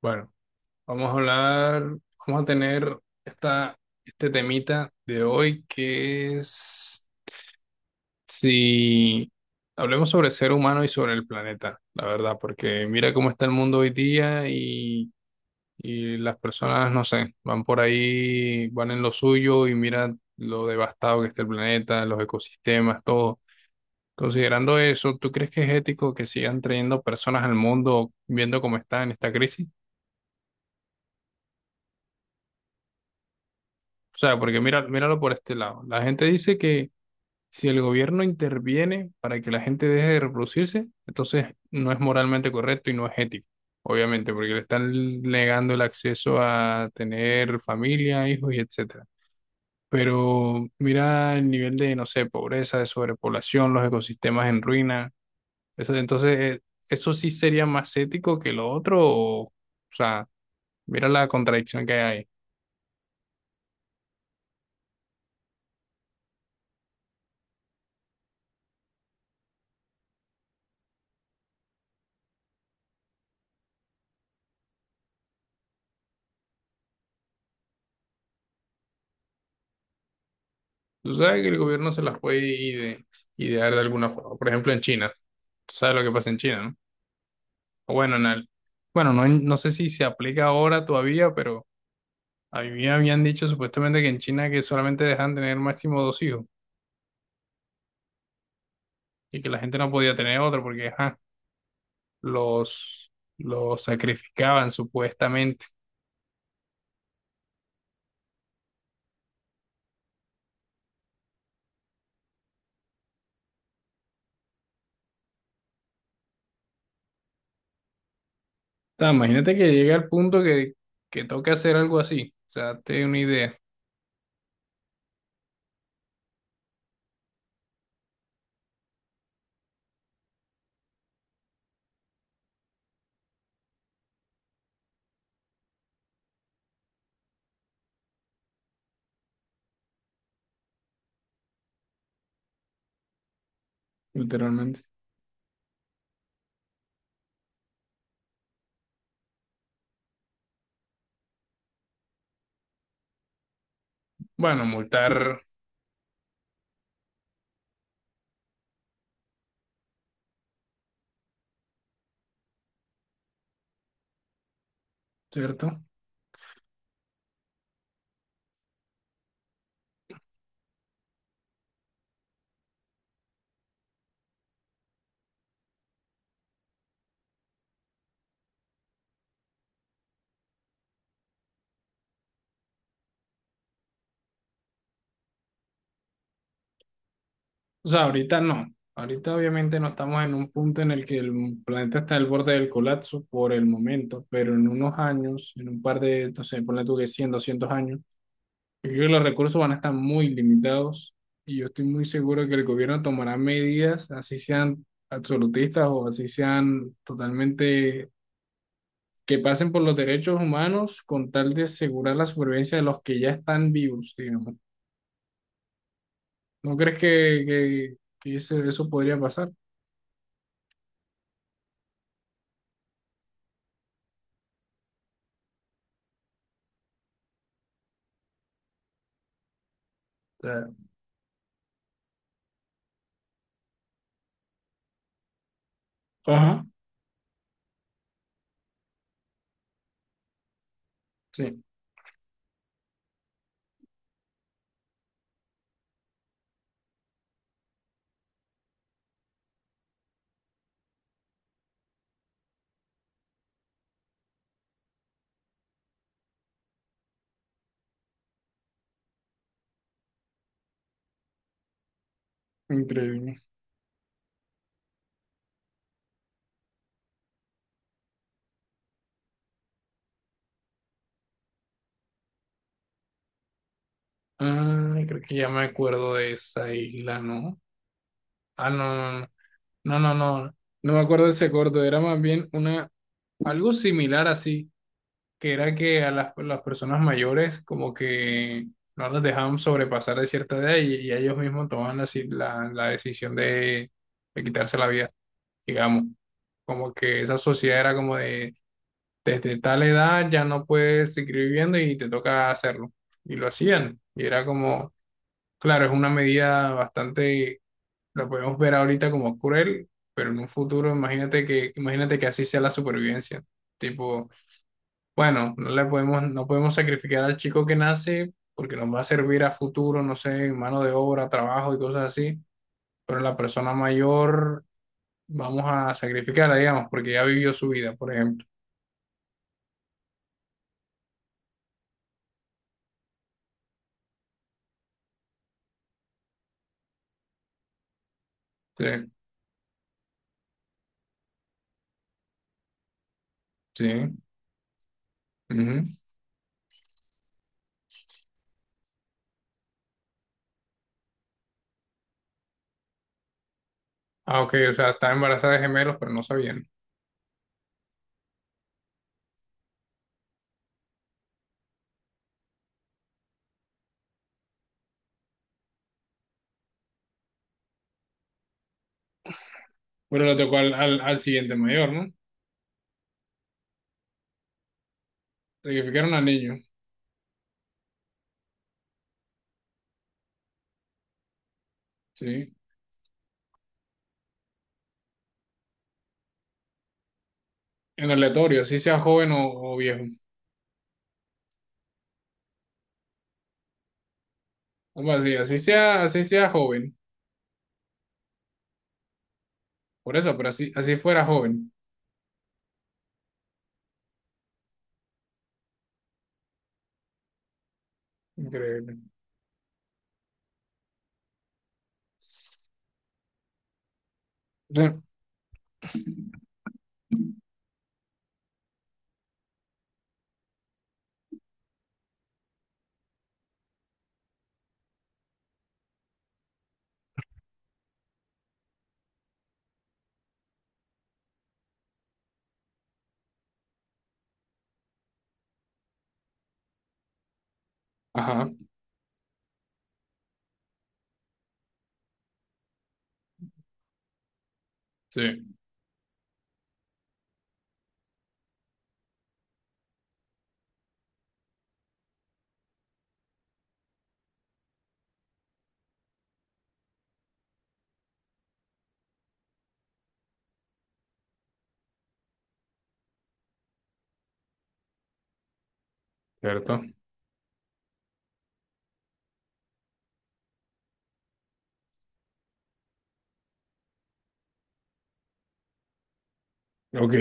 Bueno, vamos a hablar, vamos a tener esta, este temita de hoy que es si hablemos sobre el ser humano y sobre el planeta, la verdad, porque mira cómo está el mundo hoy día y las personas, no sé, van por ahí, van en lo suyo y mira lo devastado que está el planeta, los ecosistemas, todo. Considerando eso, ¿tú crees que es ético que sigan trayendo personas al mundo viendo cómo está en esta crisis? O sea, porque mira, míralo por este lado. La gente dice que si el gobierno interviene para que la gente deje de reproducirse, entonces no es moralmente correcto y no es ético, obviamente, porque le están negando el acceso a tener familia, hijos y etcétera. Pero mira el nivel de, no sé, pobreza, de sobrepoblación, los ecosistemas en ruina. Eso, entonces, eso sí sería más ético que lo otro. O sea, mira la contradicción que hay ahí. Tú sabes que el gobierno se las puede idear de alguna forma. Por ejemplo, en China. Tú sabes lo que pasa en China, ¿no? O bueno, bueno, no, no sé si se aplica ahora todavía, pero a mí habían dicho supuestamente que en China que solamente dejan tener máximo dos hijos y que la gente no podía tener otro porque ajá, los, los sacrificaban supuestamente. O sea, imagínate que llega al punto que toque hacer algo así. O sea, te doy una idea, literalmente. Bueno, multar, ¿cierto? O sea, ahorita no. Ahorita obviamente no estamos en un punto en el que el planeta está al borde del colapso por el momento, pero en unos años, en un par de, entonces, ponle tú que 100, 200 años, yo creo que los recursos van a estar muy limitados y yo estoy muy seguro que el gobierno tomará medidas, así sean absolutistas o así sean totalmente que pasen por los derechos humanos con tal de asegurar la supervivencia de los que ya están vivos, digamos. ¿No crees que eso podría pasar? O sea, ajá. Sí, increíble. Ah, creo que ya me acuerdo de esa isla, ¿no? Ah, no, no, no, no, no, no, no me acuerdo de ese corto, era más bien algo similar así, que era que a las personas mayores como que no las dejaban sobrepasar de cierta edad y ellos mismos tomaban la decisión de quitarse la vida, digamos. Como que esa sociedad era como de, desde tal edad ya no puedes seguir viviendo y te toca hacerlo. Y lo hacían, y era como... Claro, es una medida bastante, la podemos ver ahorita como cruel, pero en un futuro imagínate que así sea la supervivencia. Tipo, bueno, no le podemos, no podemos sacrificar al chico que nace porque nos va a servir a futuro, no sé, mano de obra, trabajo y cosas así, pero la persona mayor vamos a sacrificarla, digamos, porque ya vivió su vida, por ejemplo. Sí, sí. Ujú. Ah, ok, o sea, estaba embarazada de gemelos, pero no sabían. Bueno, le tocó al siguiente mayor, ¿no? Sacrificaron al niño. Sí, en aleatorio, así sea joven o viejo. Algo así, así sea joven. Por eso, pero así fuera joven. Increíble. Sí, ajá, sí, cierto. Ok,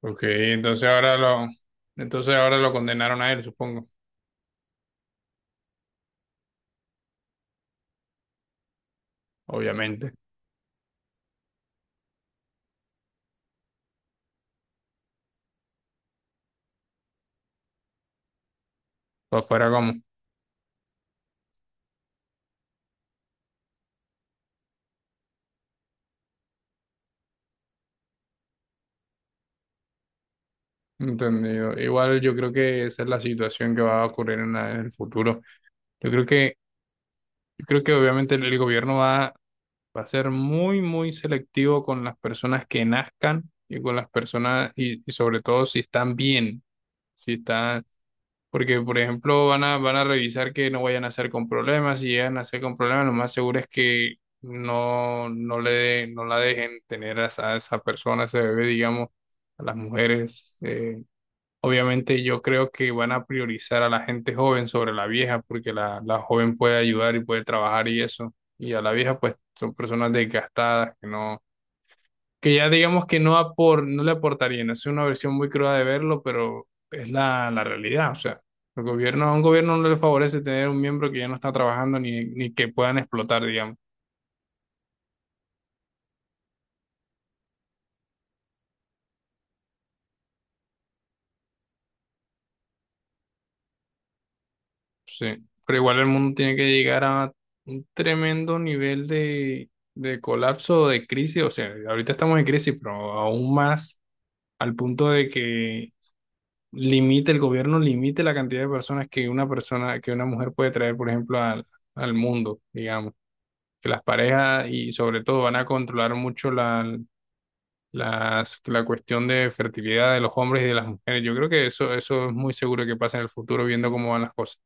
ok, entonces ahora lo condenaron a él, supongo, obviamente. O fuera como. Entendido. Igual yo creo que esa es la situación que va a ocurrir en, la- en el futuro. Yo creo que, yo creo que obviamente el gobierno va a ser muy, muy selectivo con las personas que nazcan y con las personas, y sobre todo si están bien, si están, porque por ejemplo van a revisar que no vayan a nacer con problemas, si llegan a nacer con problemas, lo más seguro es que no, no le, no la dejen tener a esa persona, a ese bebé, digamos, a las mujeres. Obviamente yo creo que van a priorizar a la gente joven sobre la vieja, porque la joven puede ayudar y puede trabajar y eso. Y a la vieja, pues, son personas desgastadas que no, que ya digamos que no le aportarían. Es una versión muy cruda de verlo, pero es la realidad. O sea, el gobierno, a un gobierno no le favorece tener un miembro que ya no está trabajando ni que puedan explotar, digamos. Sí, pero igual el mundo tiene que llegar a un tremendo nivel de colapso o de crisis. O sea, ahorita estamos en crisis, pero aún más al punto de que limite el gobierno, limite la cantidad de personas que una persona, que una mujer puede traer, por ejemplo, al mundo, digamos. Que las parejas y sobre todo van a controlar mucho la cuestión de fertilidad de los hombres y de las mujeres. Yo creo que eso es muy seguro que pasa en el futuro, viendo cómo van las cosas.